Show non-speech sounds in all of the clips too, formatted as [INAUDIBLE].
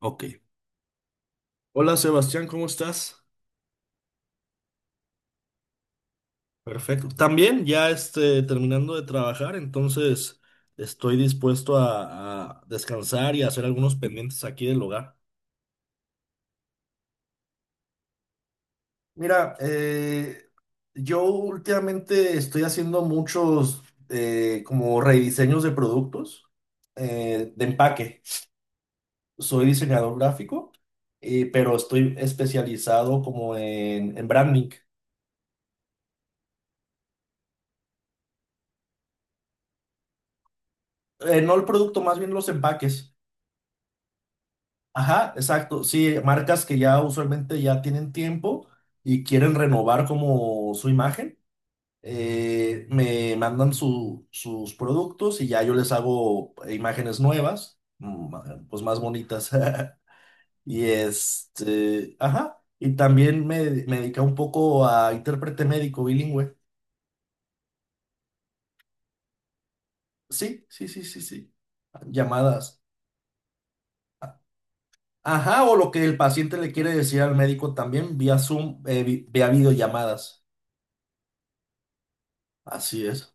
Ok. Hola Sebastián, ¿cómo estás? Perfecto. También ya terminando de trabajar, entonces estoy dispuesto a descansar y a hacer algunos pendientes aquí del hogar. Mira, yo últimamente estoy haciendo muchos como rediseños de productos de empaque. Soy diseñador gráfico, pero estoy especializado como en branding. No el producto, más bien los empaques. Ajá, exacto. Sí, marcas que ya usualmente ya tienen tiempo y quieren renovar como su imagen, me mandan sus productos y ya yo les hago imágenes nuevas, pues más bonitas. [LAUGHS] Y este, ajá. Y también me dediqué un poco a intérprete médico bilingüe. Sí, sí, sí, sí, sí. Llamadas. Ajá, o lo que el paciente le quiere decir al médico también vía Zoom, vía videollamadas. Así es.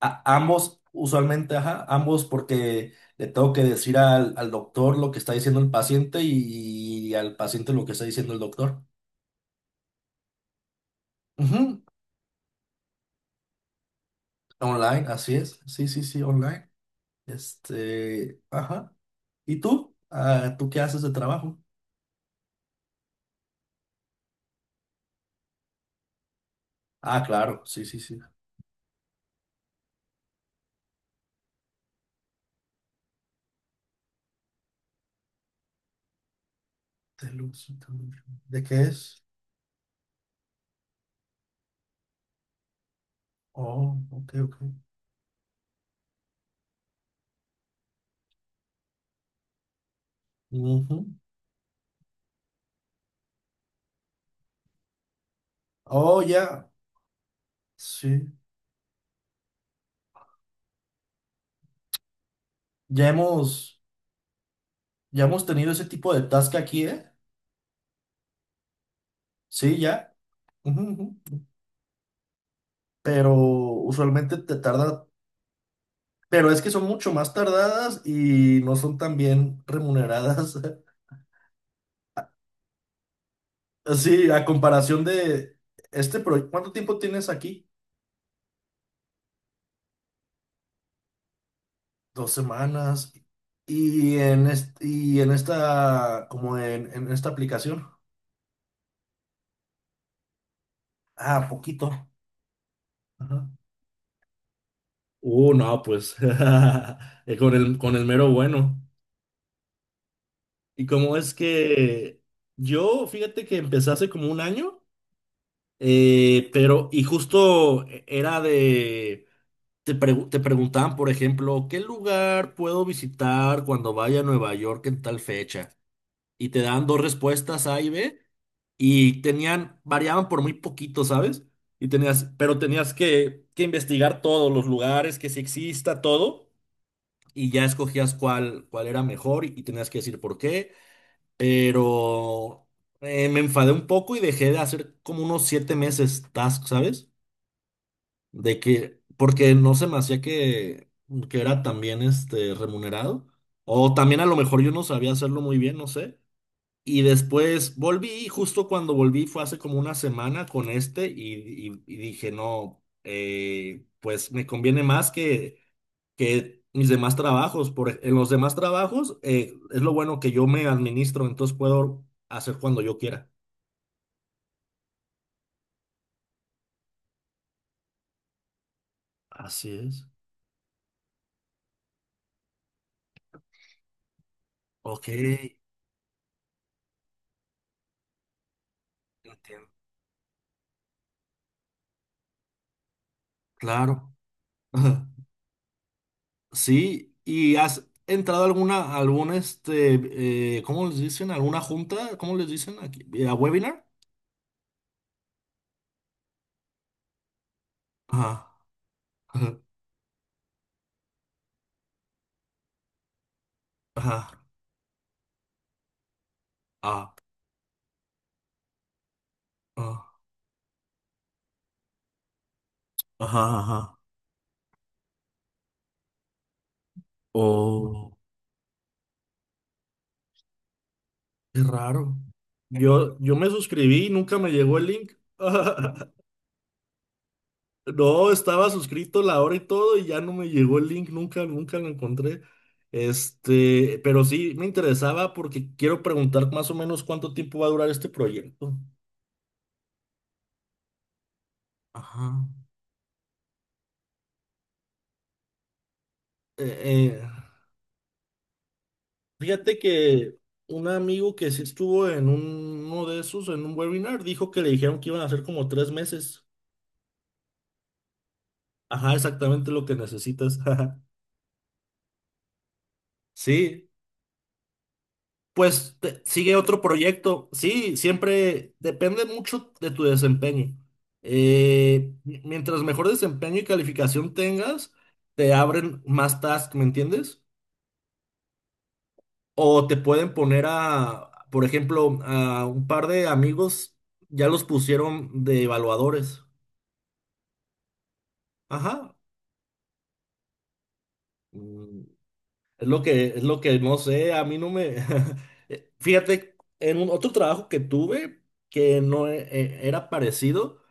Ambos, usualmente, ajá, ambos porque le tengo que decir al doctor lo que está diciendo el paciente y, al paciente lo que está diciendo el doctor. Ujú. Online, así es. Sí, sí, sí, online. Este, ajá. ¿Y tú? Ah, ¿tú qué haces de trabajo? Ah, claro, sí, sí, sí. De luz, ¿de qué es? Oh, ok, ok. Ujú. Oh, ya, sí. Ya hemos, ya hemos tenido ese tipo de task aquí, ¿eh? Sí, ya. Ujú, ujú. Pero usualmente te tarda, pero es que son mucho más tardadas y no son tan bien remuneradas. [LAUGHS] Sí, a comparación de este proyecto, ¿cuánto tiempo tienes aquí? Dos semanas. Y en, y en esta, como en esta aplicación. Ah, poquito. Ajá. No, pues [LAUGHS] con con el mero bueno. Y como es que yo, fíjate que empecé hace como un año. Pero, y justo era te preguntaban, por ejemplo, ¿qué lugar puedo visitar cuando vaya a Nueva York en tal fecha? Y te daban dos respuestas A y B, y tenían, variaban por muy poquito, ¿sabes? Y tenías, pero tenías que investigar todos los lugares, que si exista todo, y ya escogías cuál, cuál era mejor y tenías que decir por qué, pero me enfadé un poco y dejé de hacer como unos siete meses task, ¿sabes? De que, porque no se me hacía que era también este remunerado. O también a lo mejor yo no sabía hacerlo muy bien, no sé. Y después volví, y justo cuando volví fue hace como una semana con este y dije, no, pues me conviene más que mis demás trabajos. Por, en los demás trabajos es lo bueno que yo me administro, entonces puedo hacer cuando yo quiera. Así es. Ok, claro. [LAUGHS] Sí, ¿y has entrado a alguna, algún, este, ¿cómo les dicen? ¿Alguna junta? ¿Cómo les dicen aquí? ¿A webinar? Ajá, ajá, ajá, ah, ah, ajá, ajá. Oh, qué raro. Yo me suscribí y nunca me llegó el link. [LAUGHS] No, estaba suscrito la hora y todo y ya no me llegó el link, nunca, nunca lo encontré. Este, pero sí me interesaba porque quiero preguntar más o menos cuánto tiempo va a durar este proyecto. Ajá. Eh, eh, fíjate que un amigo que sí estuvo en uno de esos, en un webinar, dijo que le dijeron que iban a hacer como tres meses. Ajá, exactamente lo que necesitas. [LAUGHS] Sí, sigue otro proyecto. Sí, siempre depende mucho de tu desempeño. Mientras mejor desempeño y calificación tengas, te abren más tasks, ¿me entiendes? O te pueden poner a, por ejemplo, a un par de amigos, ya los pusieron de evaluadores. Ajá. Mm, es lo que, es lo que no sé, a mí no me. [LAUGHS] Fíjate, en un otro trabajo que tuve, que no era parecido,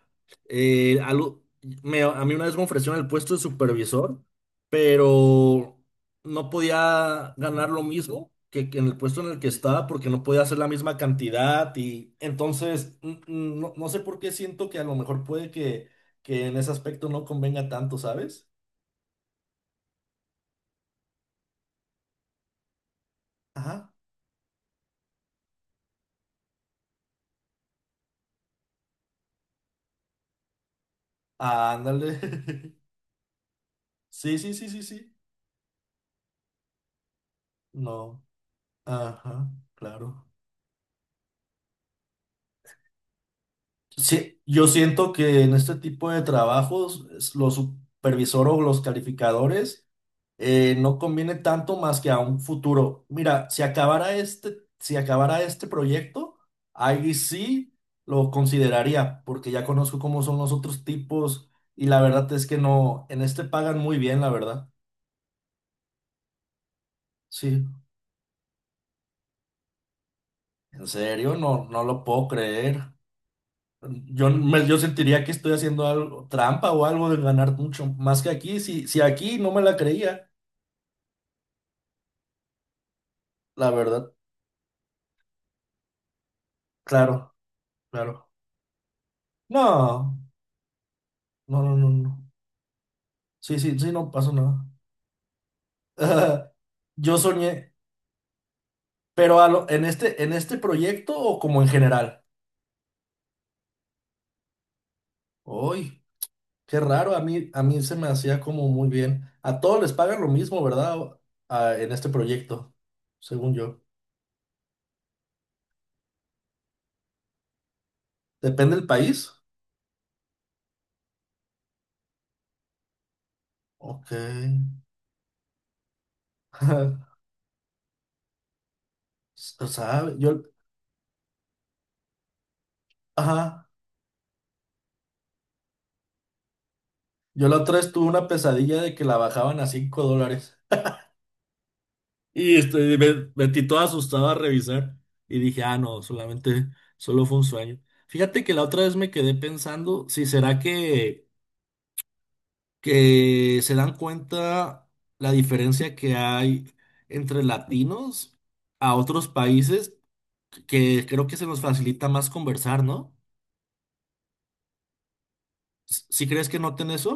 Eh, algo, a mí una vez me ofrecieron el puesto de supervisor, pero no podía ganar lo mismo que en el puesto en el que estaba porque no podía hacer la misma cantidad y entonces no, no sé por qué siento que a lo mejor puede que en ese aspecto no convenga tanto, ¿sabes? Ajá. Ándale. [LAUGHS] Sí, sí, sí, sí, sí. No. Ajá, claro. Sí, yo siento que en este tipo de trabajos los supervisores o los calificadores no conviene tanto más que a un futuro. Mira, si acabara este, si acabara este proyecto, ahí sí lo consideraría, porque ya conozco cómo son los otros tipos y la verdad es que no, en este pagan muy bien, la verdad. Sí, en serio, no, no lo puedo creer. Yo sentiría que estoy haciendo algo, trampa o algo de ganar mucho más que aquí. Si, si aquí no me la creía, la verdad. Claro, claro. No, no, no, no, no. Sí, sí, sí, no pasó nada. [LAUGHS] Yo soñé, pero en este proyecto o como en general. Uy, qué raro, a mí se me hacía como muy bien. A todos les pagan lo mismo, ¿verdad? En este proyecto, según yo. Depende del país. Ok. [LAUGHS] O sea, yo, ajá. Yo la otra vez tuve una pesadilla de que la bajaban a $5. Y este, me metí todo asustado a revisar y dije, ah, no, solamente, solo fue un sueño. Fíjate que la otra vez me quedé pensando si será que se dan cuenta la diferencia que hay entre latinos a otros países, que creo que se nos facilita más conversar, ¿no? ¿Si crees que noten eso?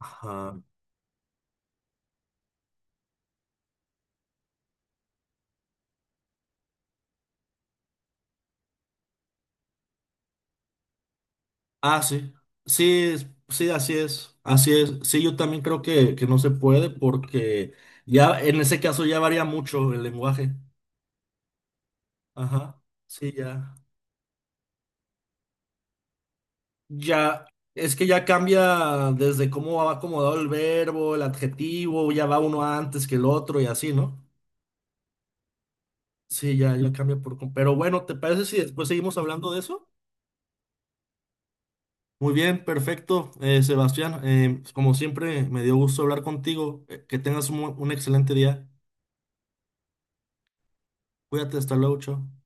Ajá. Ah, sí, sí, sí, así es, así es. Sí, yo también creo que no se puede porque ya en ese caso ya varía mucho el lenguaje. Ajá, sí, ya. Ya, es que ya cambia desde cómo va acomodado el verbo, el adjetivo, ya va uno antes que el otro y así, ¿no? Sí, ya, ya cambia por... pero bueno, ¿te parece si después seguimos hablando de eso? Muy bien, perfecto, Sebastián. Como siempre, me dio gusto hablar contigo. Que tengas un excelente día. Cuídate, hasta luego, chao.